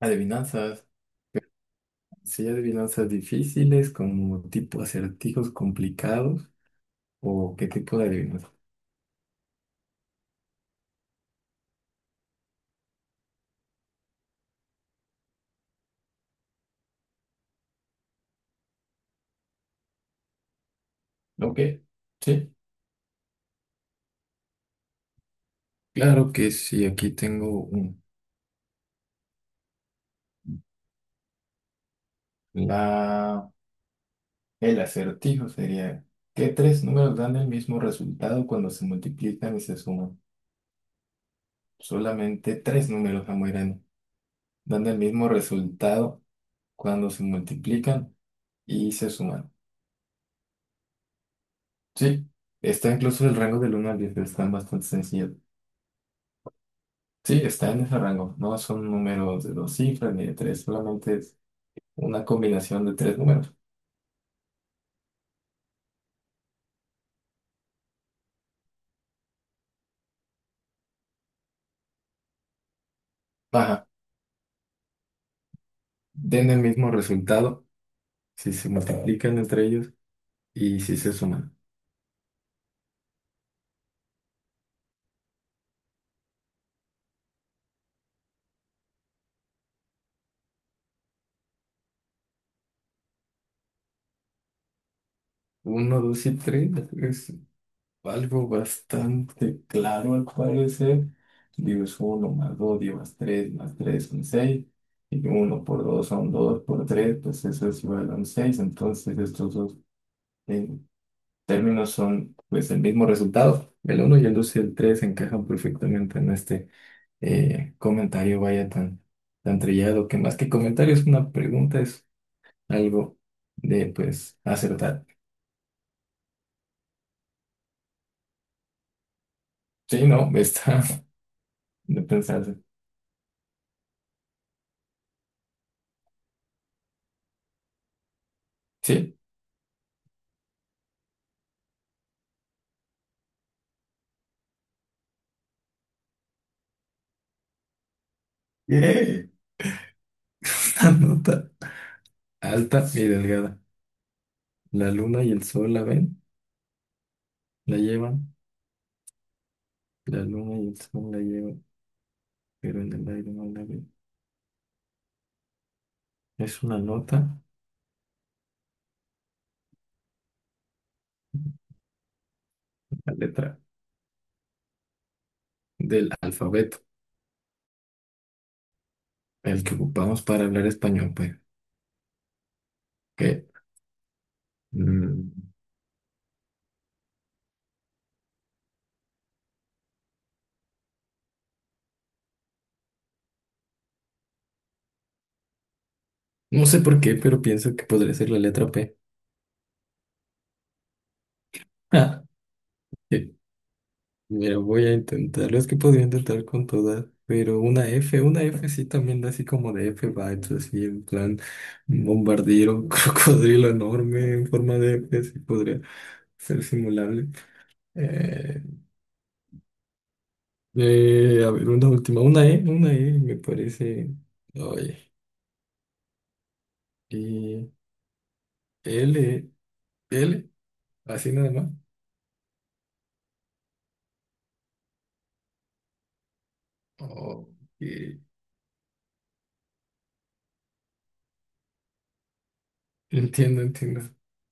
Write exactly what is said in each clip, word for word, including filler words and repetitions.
Adivinanzas. ¿Sí? Adivinanzas difíciles, como tipo acertijos complicados, o qué tipo de adivinanzas. Ok, sí, claro que sí, aquí tengo uno. La, el acertijo sería, ¿qué tres números dan el mismo resultado cuando se multiplican y se suman? Solamente tres números, Amoirán, dan el mismo resultado cuando se multiplican y se suman. Sí, está incluso el rango del uno al diez, pero están bastante sencillos. Sí, está en ese rango. No son números de dos cifras ni de tres, solamente es una combinación de tres números. Ajá, den el mismo resultado si se multiplican entre ellos y si se suman. Uno, dos y tres es algo bastante claro al parecer. Digo, es uno más dos, digo, más tres, más tres son seis. Y uno por dos son dos, por tres, pues eso es igual a un seis. Entonces estos dos términos son pues el mismo resultado. El uno y el dos y el tres encajan perfectamente en este eh, comentario, vaya tan, tan trillado, que más que comentario es una pregunta, es algo de pues acertar. Sí, no, está de pensarse. Sí. Eh, Una nota alta y delgada. La luna y el sol la ven, la llevan. La luna y el sol la llevan, pero en el aire no la ven. Es una nota, la letra del alfabeto. El que ocupamos para hablar español, pues. Que, mm, no sé por qué, pero pienso que podría ser la letra P. Ah, eh, mira, voy a intentarlo. Es que podría intentar con todas, pero una F, una F sí también da así como de F vibes, así en plan bombardero, crocodrilo enorme en forma de F, sí podría ser simulable. Eh, eh, a ver, una última, una E, una E me parece. Oye, y L, L, así nada más. Oh, y- entiendo, entiendo.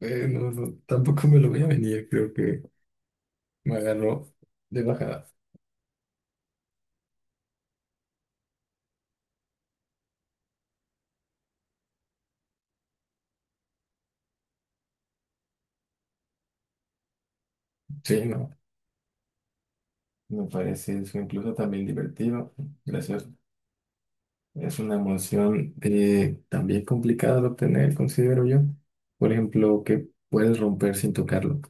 Eh, no, no, tampoco me lo voy a venir, creo que me agarró de bajada. Sí, no, me parece eso incluso también divertido. Gracias. Es una emoción eh, también complicada de obtener, considero yo. Por ejemplo, que puedes romper sin tocarlo.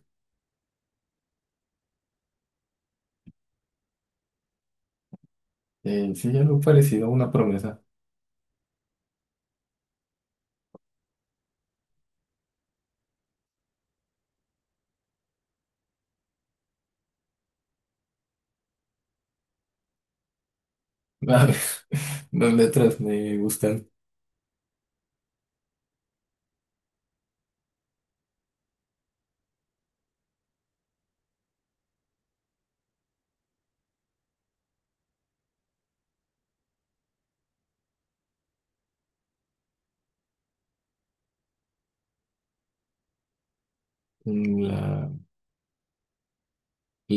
Eh, sí, algo parecido a una promesa. A ver, las letras me gustan. Mm, La,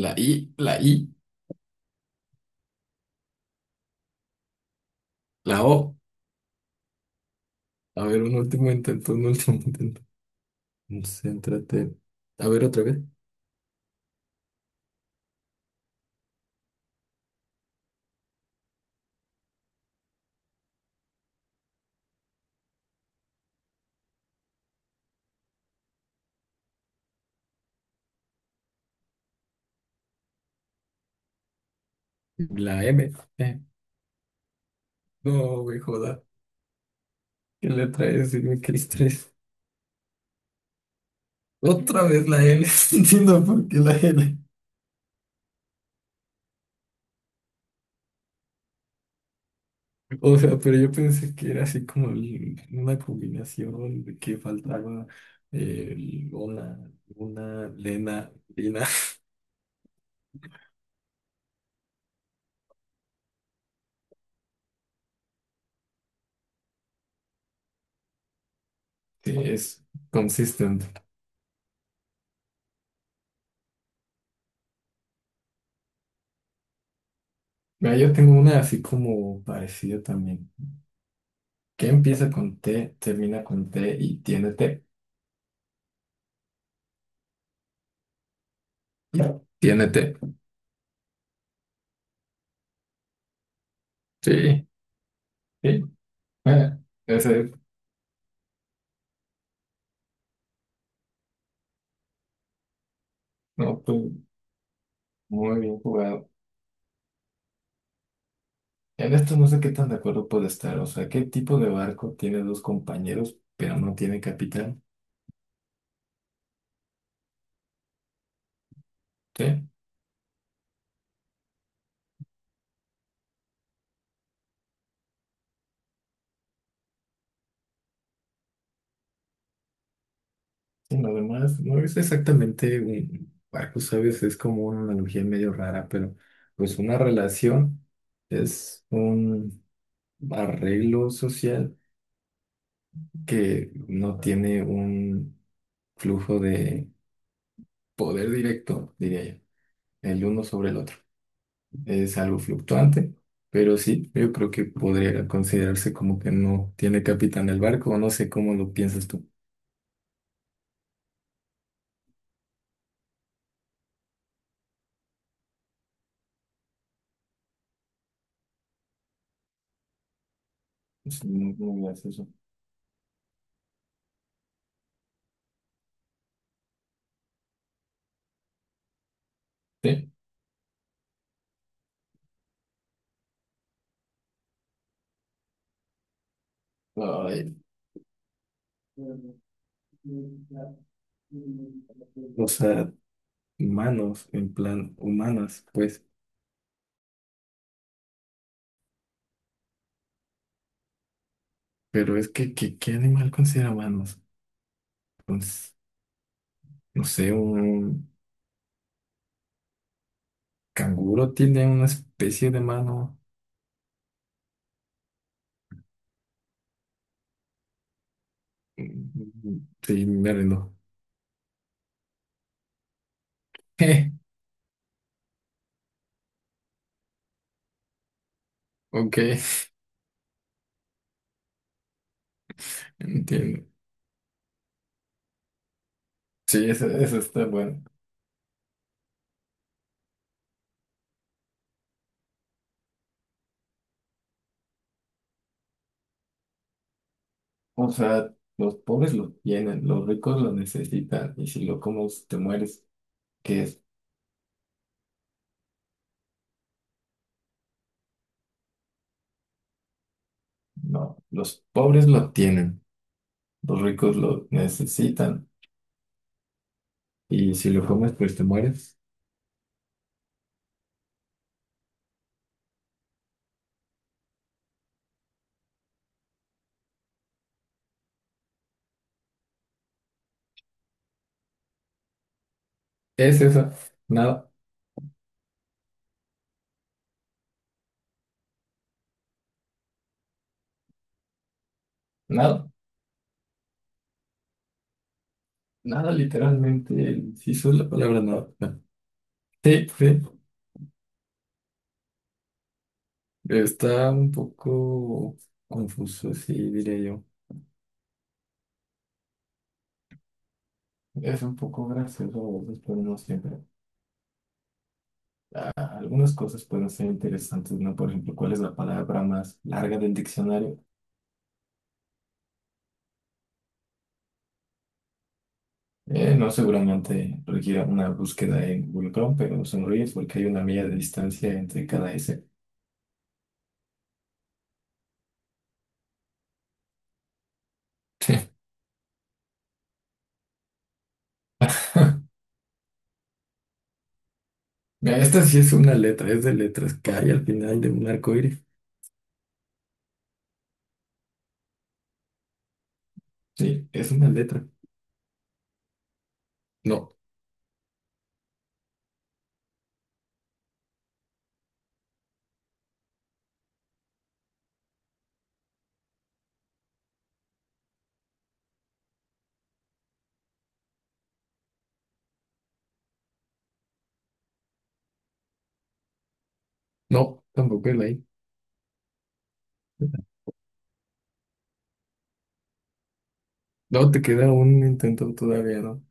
la I, la I, la O. A ver, un último intento, un último intento. Céntrate. A ver otra vez. La M. Eh, No, güey, joda. ¿Qué letra es? Dime qué letra es. Otra vez la L. No entiendo por qué la L. O sea, pero yo pensé que era así como el- una combinación de que faltaba eh, una, una, lena, lina. Sí, es consistente. Mira, yo tengo una así como parecida también. Que empieza con T, termina con T y tiene T. Tiene T. Sí. Sí. Eh, Ese, no, pues, muy bien jugado. En esto no sé qué tan de acuerdo puede estar. O sea, ¿qué tipo de barco tiene dos compañeros, pero no tiene capitán? Sí, sí, nada más. No es exactamente un barco, ¿sabes? Es como una analogía medio rara, pero pues una relación es un arreglo social que no tiene un flujo de poder directo, diría yo, el uno sobre el otro. Es algo fluctuante, pero sí, yo creo que podría considerarse como que no tiene capitán el barco, o no sé cómo lo piensas tú. Es muy, muy gracioso. Sí. Ay, o sea, humanos, en plan, humanas, pues, pero es que, que- ¿qué animal considera manos? Pues, no sé, un canguro tiene una especie de mano. Mm, sí, me rindo. Ok, entiendo. Sí, eso, eso está bueno. O sea, los pobres lo tienen, los ricos lo necesitan, y si lo comes te mueres. ¿Qué es? No, los pobres lo tienen, los ricos lo necesitan, y si lo comes pues te mueres. Es eso, nada, nada, nada literalmente, si eso es la palabra nada. Nada. Sí, sí, está un poco confuso, sí, diría yo. Es un poco gracioso, a veces, pero no siempre. Ah, algunas cosas pueden ser interesantes, ¿no? Por ejemplo, ¿cuál es la palabra más larga del diccionario? Eh, no, seguramente requiera una búsqueda en Google Chrome, pero sonríes porque hay una milla de distancia entre cada S. Mira, esta sí es una letra, es de letras que hay al final de un arco iris. Sí, es una letra. No, no, tampoco es la I. No, te queda un intento todavía, ¿no?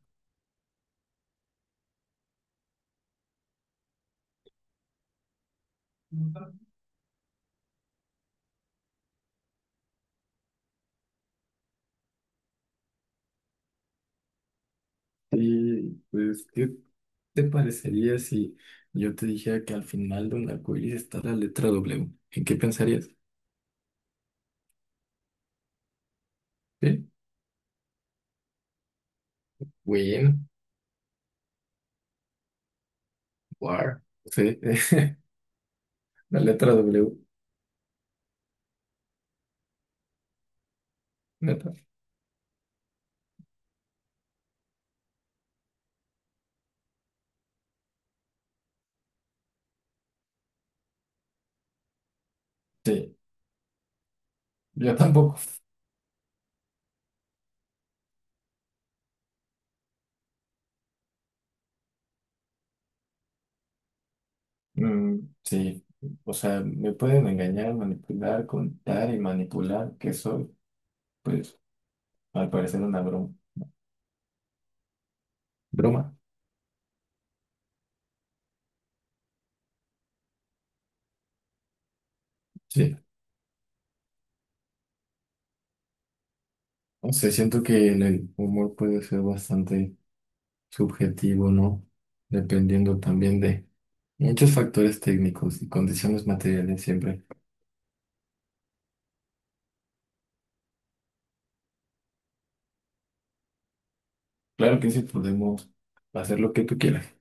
Y pues, ¿qué? ¿Te parecería si yo te dijera que al final de un arcoíris está la letra W? ¿En qué pensarías? ¿Sí? Win, war, sí, la letra W, neta. Sí, yo tampoco. Mm, sí, o sea, me pueden engañar, manipular, contar y manipular, que soy, pues, al parecer una broma. ¿Broma? Sí. O sea, siento que en el humor puede ser bastante subjetivo, ¿no? Dependiendo también de muchos factores técnicos y condiciones materiales siempre. Claro que sí, podemos hacer lo que tú quieras.